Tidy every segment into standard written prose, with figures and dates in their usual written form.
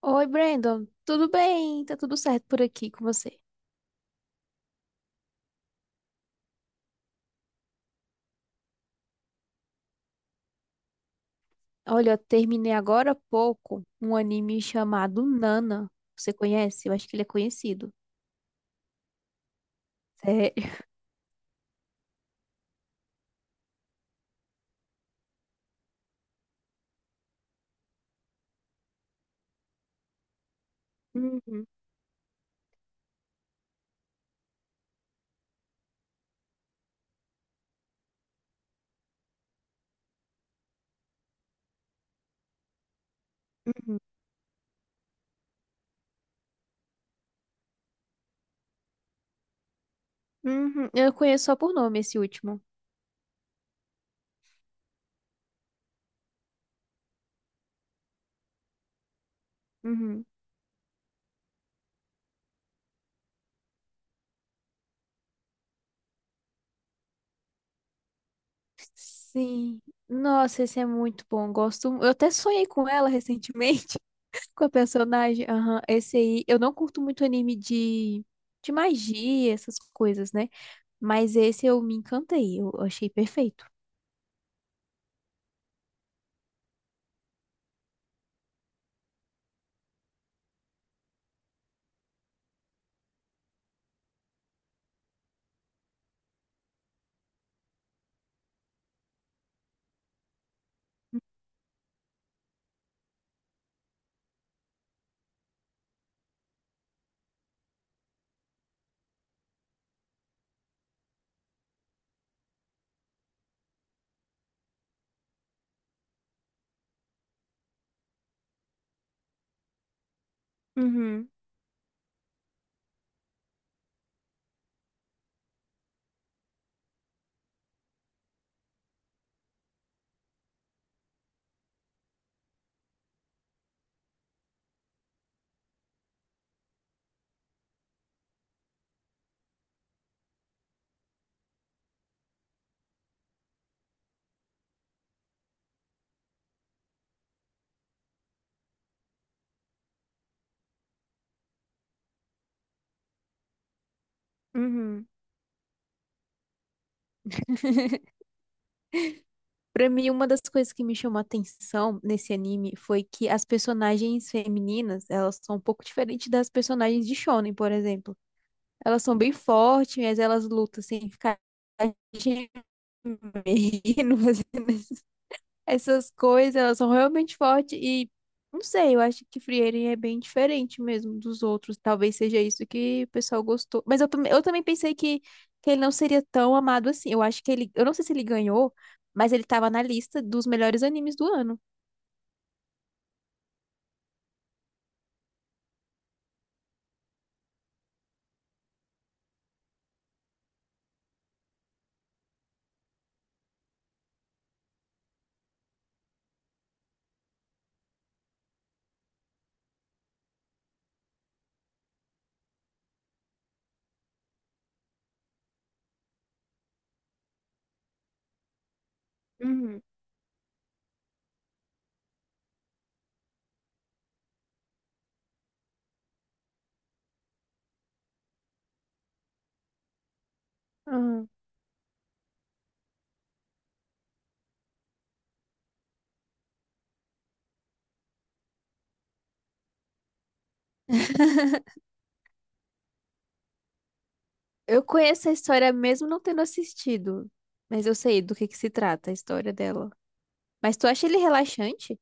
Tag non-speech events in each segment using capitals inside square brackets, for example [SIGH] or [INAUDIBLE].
Oi, Brandon. Tudo bem? Tá tudo certo por aqui com você? Olha, eu terminei agora há pouco um anime chamado Nana. Você conhece? Eu acho que ele é conhecido. Sério? Uhum, uhum, uhum. Eu conheço só por nome esse último. Uhum. Sim. Nossa, esse é muito bom. Gosto. Eu até sonhei com ela recentemente, [LAUGHS] com a personagem. Aham. Esse aí, eu não curto muito anime de magia, essas coisas, né? Mas esse eu me encantei. Eu achei perfeito. Uhum, uhum. [LAUGHS] Pra mim, uma das coisas que me chamou a atenção nesse anime foi que as personagens femininas, elas são um pouco diferentes das personagens de Shonen, por exemplo. Elas são bem fortes, mas elas lutam sem ficar gemendo, [LAUGHS] assim. Essas coisas, elas são realmente fortes e não sei, eu acho que Frieren é bem diferente mesmo dos outros. Talvez seja isso que o pessoal gostou. Mas eu também pensei que ele não seria tão amado assim. Eu acho que ele, eu não sei se ele ganhou, mas ele tava na lista dos melhores animes do ano. Uhum. Aham. Eu conheço a história mesmo não tendo assistido, mas eu sei do que se trata a história dela. Mas tu acha ele relaxante?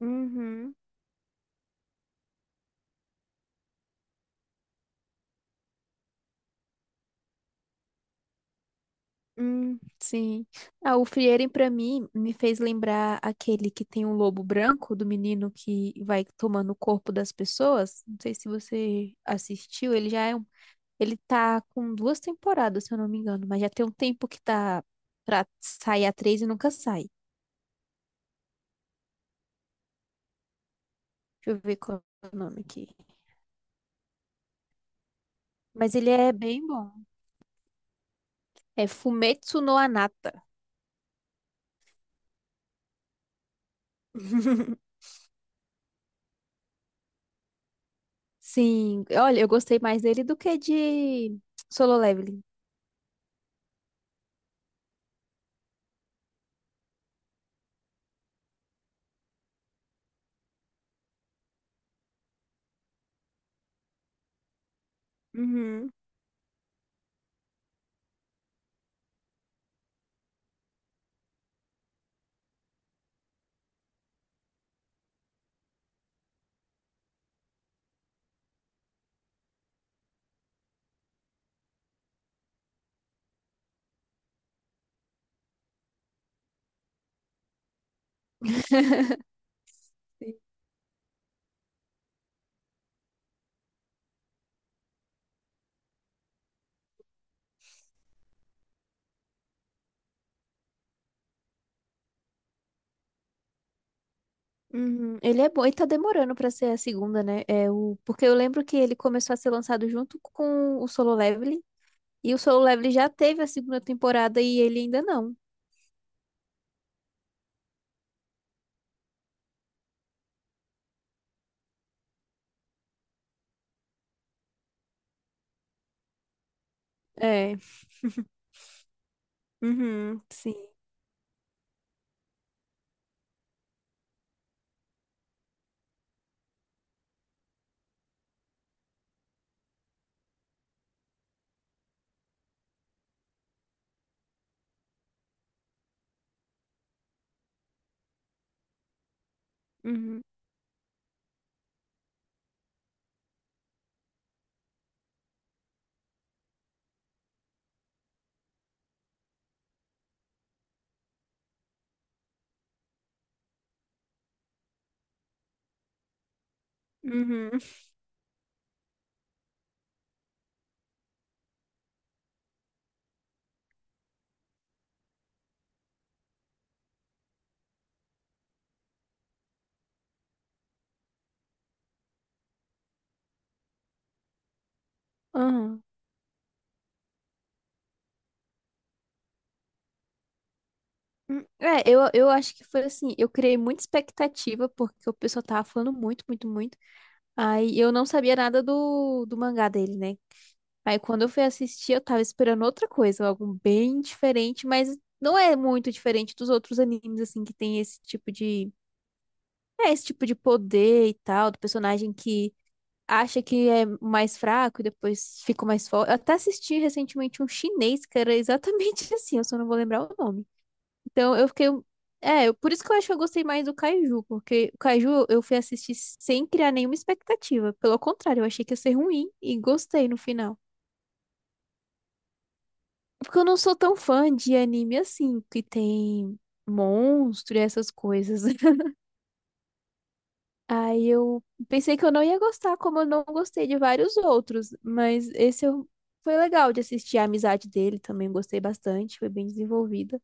Uhum. Sim. Ah, o Frieren, pra mim, me fez lembrar aquele que tem um lobo branco, do menino que vai tomando o corpo das pessoas. Não sei se você assistiu, ele já é um... Ele tá com duas temporadas, se eu não me engano, mas já tem um tempo que tá pra sair a três e nunca sai. Deixa eu ver qual é o nome aqui. Mas ele é bem bom. É Fumetsu no Anata. [LAUGHS] Sim, olha, eu gostei mais dele do que de Solo Leveling. Uhum. Uhum. Ele é bom e tá demorando pra ser a segunda, né? É o... Porque eu lembro que ele começou a ser lançado junto com o Solo Leveling. E o Solo Leveling já teve a segunda temporada e ele ainda não. É. Uhum, sim. Uhum, uhum, uhum. Hum. É, eu acho que foi assim. Eu criei muita expectativa porque o pessoal tava falando muito, muito, muito. Aí eu não sabia nada do mangá dele, né? Aí quando eu fui assistir, eu tava esperando outra coisa, algo bem diferente, mas não é muito diferente dos outros animes, assim, que tem esse tipo de. É, esse tipo de poder e tal, do personagem que acha que é mais fraco e depois fica mais forte. Eu até assisti recentemente um chinês que era exatamente [LAUGHS] assim, eu só não vou lembrar o nome. Então eu fiquei. Um, é, eu- por isso que eu acho que eu gostei mais do Kaiju, porque o Kaiju eu fui assistir sem criar nenhuma expectativa. Pelo contrário, eu achei que ia ser ruim e gostei no final. Porque eu não sou tão fã de anime assim, que tem monstro e essas coisas. [LAUGHS] Aí eu pensei que eu não ia gostar, como eu não gostei de vários outros. Mas esse eu... foi legal de assistir a amizade dele também, gostei bastante, foi bem desenvolvida.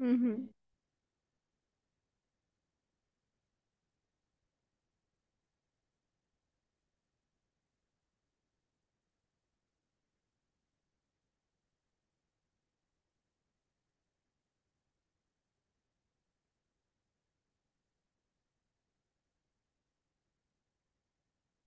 Uhum.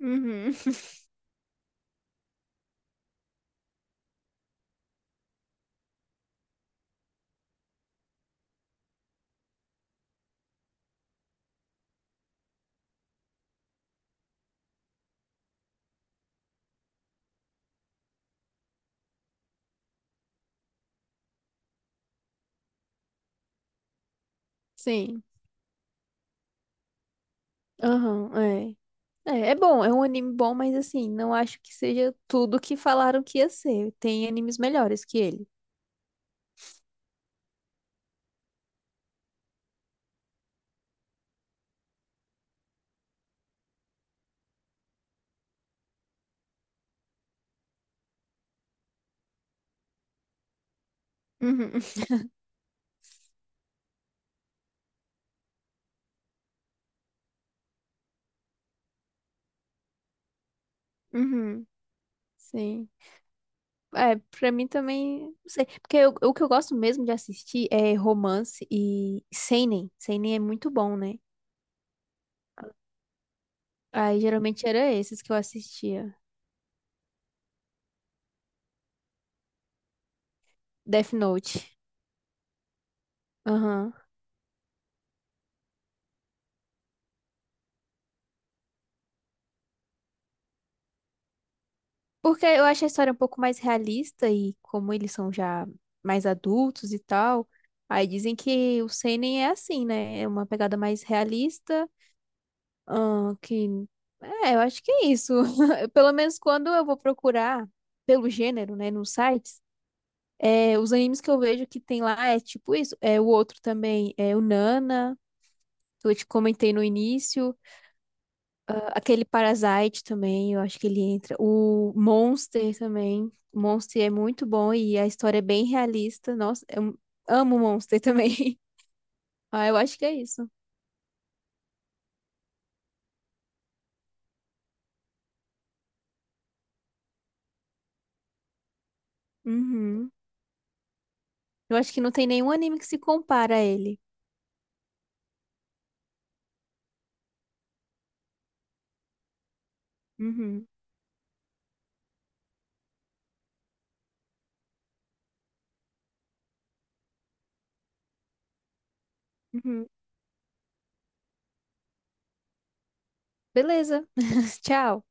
Uhum. [LAUGHS] Sim. Aham, é. É, é bom, é um anime bom, mas assim, não acho que seja tudo que falaram que ia ser. Tem animes melhores que ele. Uhum, [LAUGHS] uhum. Sim. É, pra mim também, não sei. Porque eu- o que eu gosto mesmo de assistir é romance e seinen. Seinen é muito bom, né? Aí geralmente era esses que eu assistia. Death Note. Aham. Porque eu acho a história um pouco mais realista e como eles são já mais adultos e tal, aí dizem que o seinen é assim, né? É uma pegada mais realista, que... É, eu acho que é isso. [LAUGHS] Pelo menos quando eu vou procurar pelo gênero, né, nos sites, é, os animes que eu vejo que tem lá é tipo isso. É, o outro também é o Nana, que eu te comentei no início. Ah, aquele Parasite também, eu acho que ele entra. O Monster também. O Monster é muito bom e a história é bem realista. Nossa, eu amo o Monster também. [LAUGHS] Ah, eu acho que é isso. Uhum. Eu acho que não tem nenhum anime que se compara a ele. Uhum. Uhum. Beleza. [LAUGHS] Tchau.